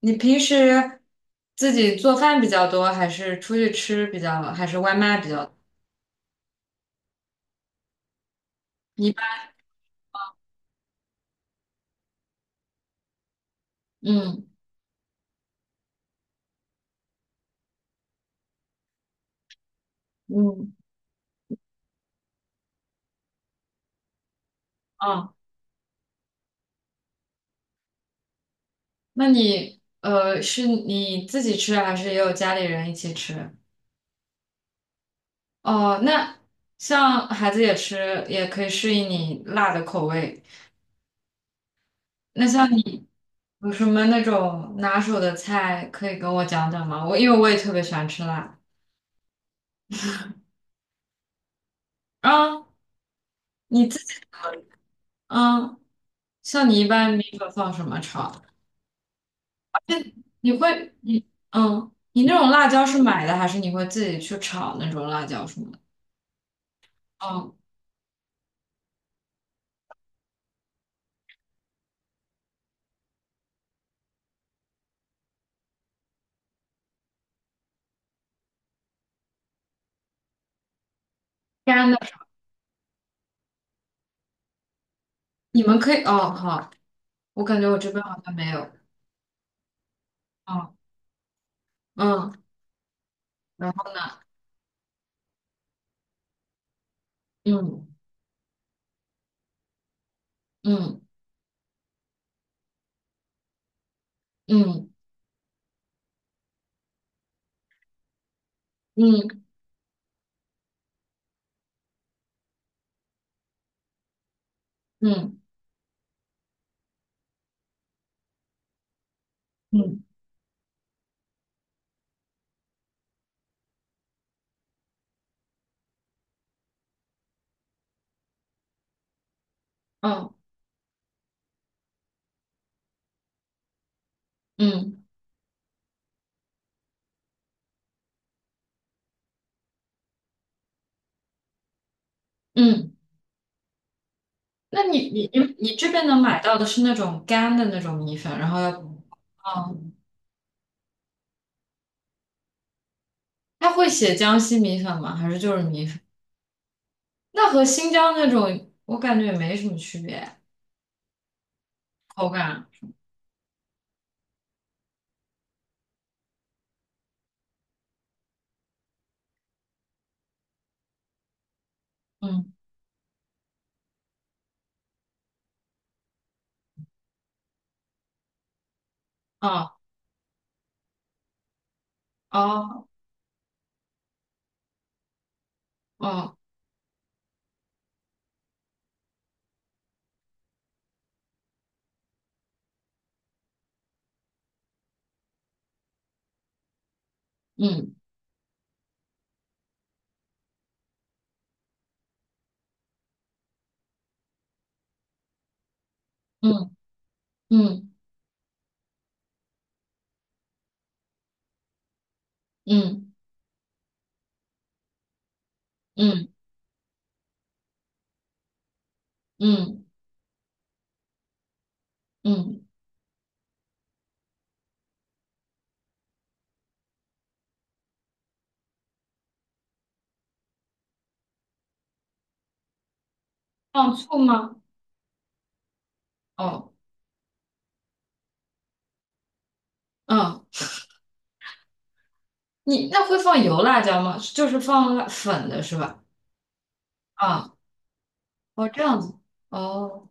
你平时自己做饭比较多，还是出去吃比较，还是外卖比较多。你一般。嗯。嗯。哦，那你是你自己吃，还是也有家里人一起吃？哦，那像孩子也吃，也可以适应你辣的口味。那像你有什么那种拿手的菜可以跟我讲讲吗？我因为我也特别喜欢吃辣。啊，你自己。嗯，像你一般米粉放什么炒？你嗯，你那种辣椒是买的，还是你会自己去炒那种辣椒什么的？哦，干的，你们可以哦，好，我感觉我这边好像没有。哦。嗯。然后。嗯嗯。嗯。嗯。嗯。嗯。嗯。嗯。嗯，那你这边能买到的是那种干的那种米粉，然后要哦，它会写江西米粉吗？还是就是米粉？那和新疆那种我感觉也没什么区别，口感。嗯。哦。哦。哦。嗯。嗯。嗯。嗯。嗯。嗯。嗯。嗯。放醋吗？哦。嗯，你那会放油辣椒吗？就是放辣粉的是吧？啊。哦这样子。哦。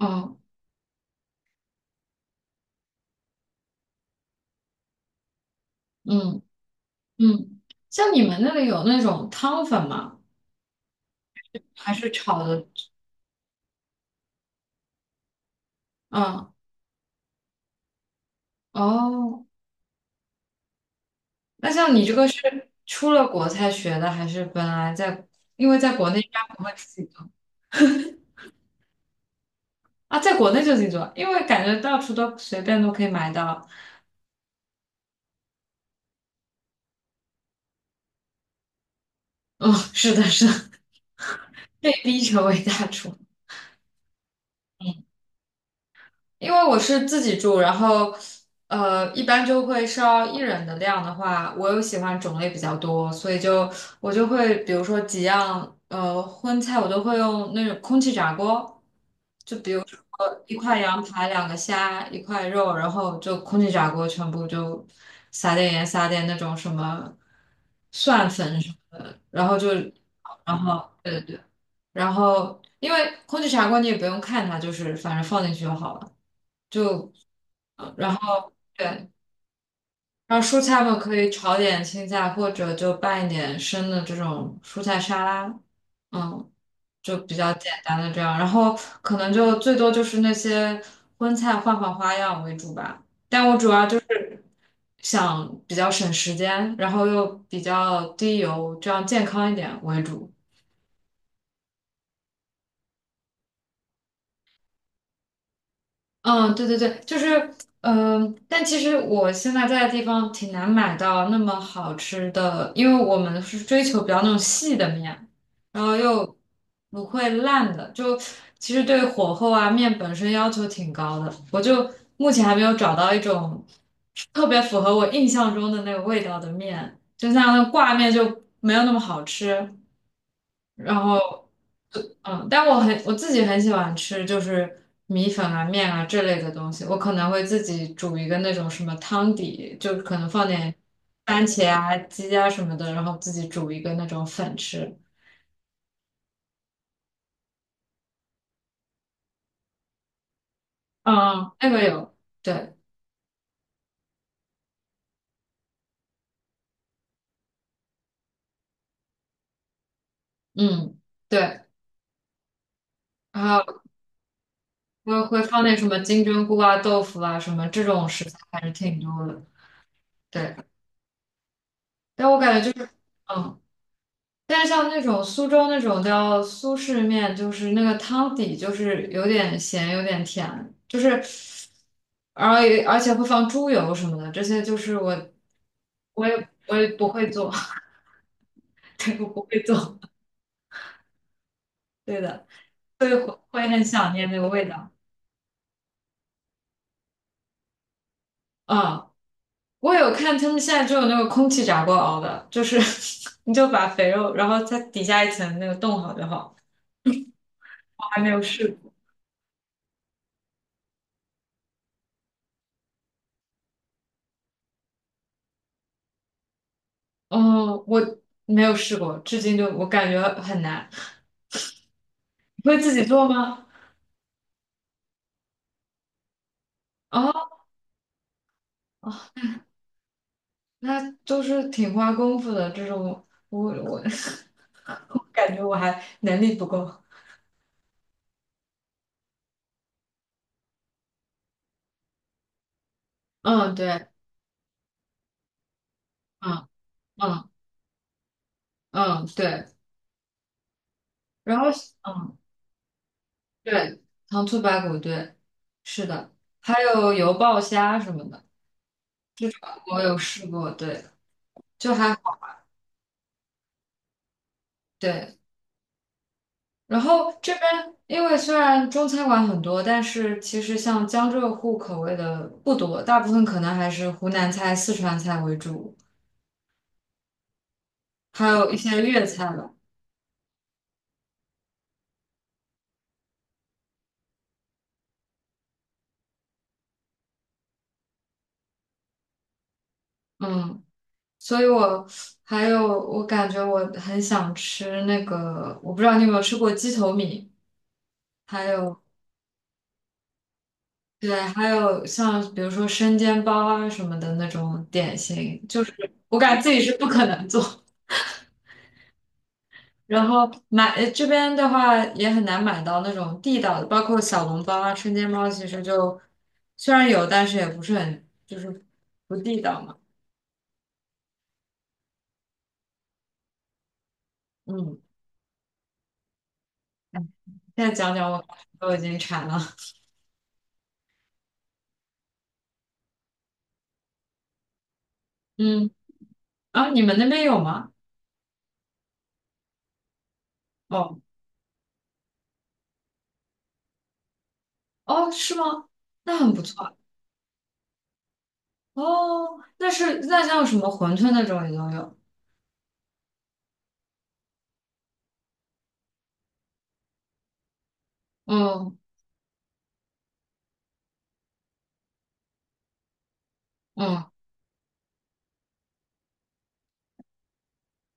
哦。嗯。嗯，像你们那里有那种汤粉吗？还是炒的？嗯。哦，那像你这个是出了国才学的，还是本来在？因为在国内应该不会自己做。啊，在国内就自己做，因为感觉到处都随便都可以买到。哦，是的，是的，被逼成为大厨。嗯，因为我是自己住，然后一般就会烧一人的量的话，我又喜欢种类比较多，所以就我就会比如说几样荤菜，我都会用那种空气炸锅，就比如说一块羊排、两个虾、一块肉，然后就空气炸锅全部就撒点盐、撒点那种什么蒜粉什么的，然后就对对对。然后因为空气炸锅你也不用看它，就是反正放进去就好了。就然后对，然后蔬菜们可以炒点青菜，或者就拌一点生的这种蔬菜沙拉，嗯，就比较简单的这样。然后可能就最多就是那些荤菜换换花样为主吧。想比较省时间，然后又比较低油，这样健康一点为主。嗯，对对对，就是，嗯、但其实我现在在的地方挺难买到那么好吃的，因为我们是追求比较那种细的面，然后又不会烂的，就其实对火候啊、面本身要求挺高的，我就目前还没有找到一种特别符合我印象中的那个味道的面，就像那挂面就没有那么好吃，然后。嗯，但我自己很喜欢吃，就是米粉啊、面啊这类的东西。我可能会自己煮一个那种什么汤底，就可能放点番茄啊、鸡啊什么的，然后自己煮一个那种粉吃。嗯，那个有，对。嗯，对，然后会放点什么金针菇啊、豆腐啊什么这种食材还是挺多的。对，但我感觉就是，嗯。但像那种苏州那种叫苏式面，就是那个汤底就是有点咸，有点甜，就是而而且会放猪油什么的，这些就是我我也不会做，对，我不会做，对的，所以会很想念那个味道。啊，我有看他们现在就有那个空气炸锅熬的，就是 你就把肥肉，然后它底下一层那个冻好就好。我还没有试过，哦，我没有试过，至今就我感觉很难。会自己做吗？哦，那都是挺花功夫的这种，我 我感觉我还能力不够。嗯，对。嗯。嗯。嗯，对，然后嗯对，糖醋排骨，对，是的，还有油爆虾什么的，这种我有试过，对，就还好，对。然后这边因为虽然中餐馆很多，但是其实像江浙沪口味的不多，大部分可能还是湖南菜、四川菜为主，还有一些粤菜吧。嗯，所以我还有我感觉我很想吃那个，我不知道你有没有吃过鸡头米，还有对，还有像比如说生煎包啊什么的那种点心，就是我感觉自己是不可能做。然后买这边的话也很难买到那种地道的，包括小笼包啊、生煎包，其实就虽然有，但是也不是很就是不地道嘛。嗯，现在讲讲我都已经馋了。嗯。啊，你们那边有吗？哦。哦，是吗？那很不错啊。哦，那是那像什么馄饨那种也都有。嗯。嗯。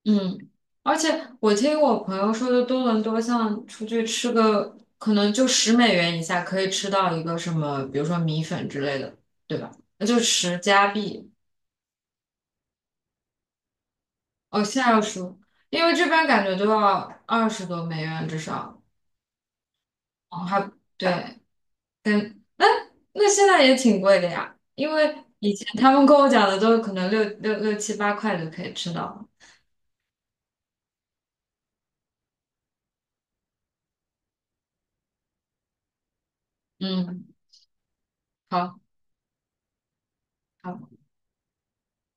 嗯，而且我听我朋友说的，多伦多像出去吃个，可能就10美元以下可以吃到一个什么，比如说米粉之类的，对吧？那就10加币。哦，现在要十，因为这边感觉都要20多美元至少。哦，还对。嗯，那现在也挺贵的呀，因为以前他们跟我讲的都可能六六六七八块就可以吃到了。嗯，好。好。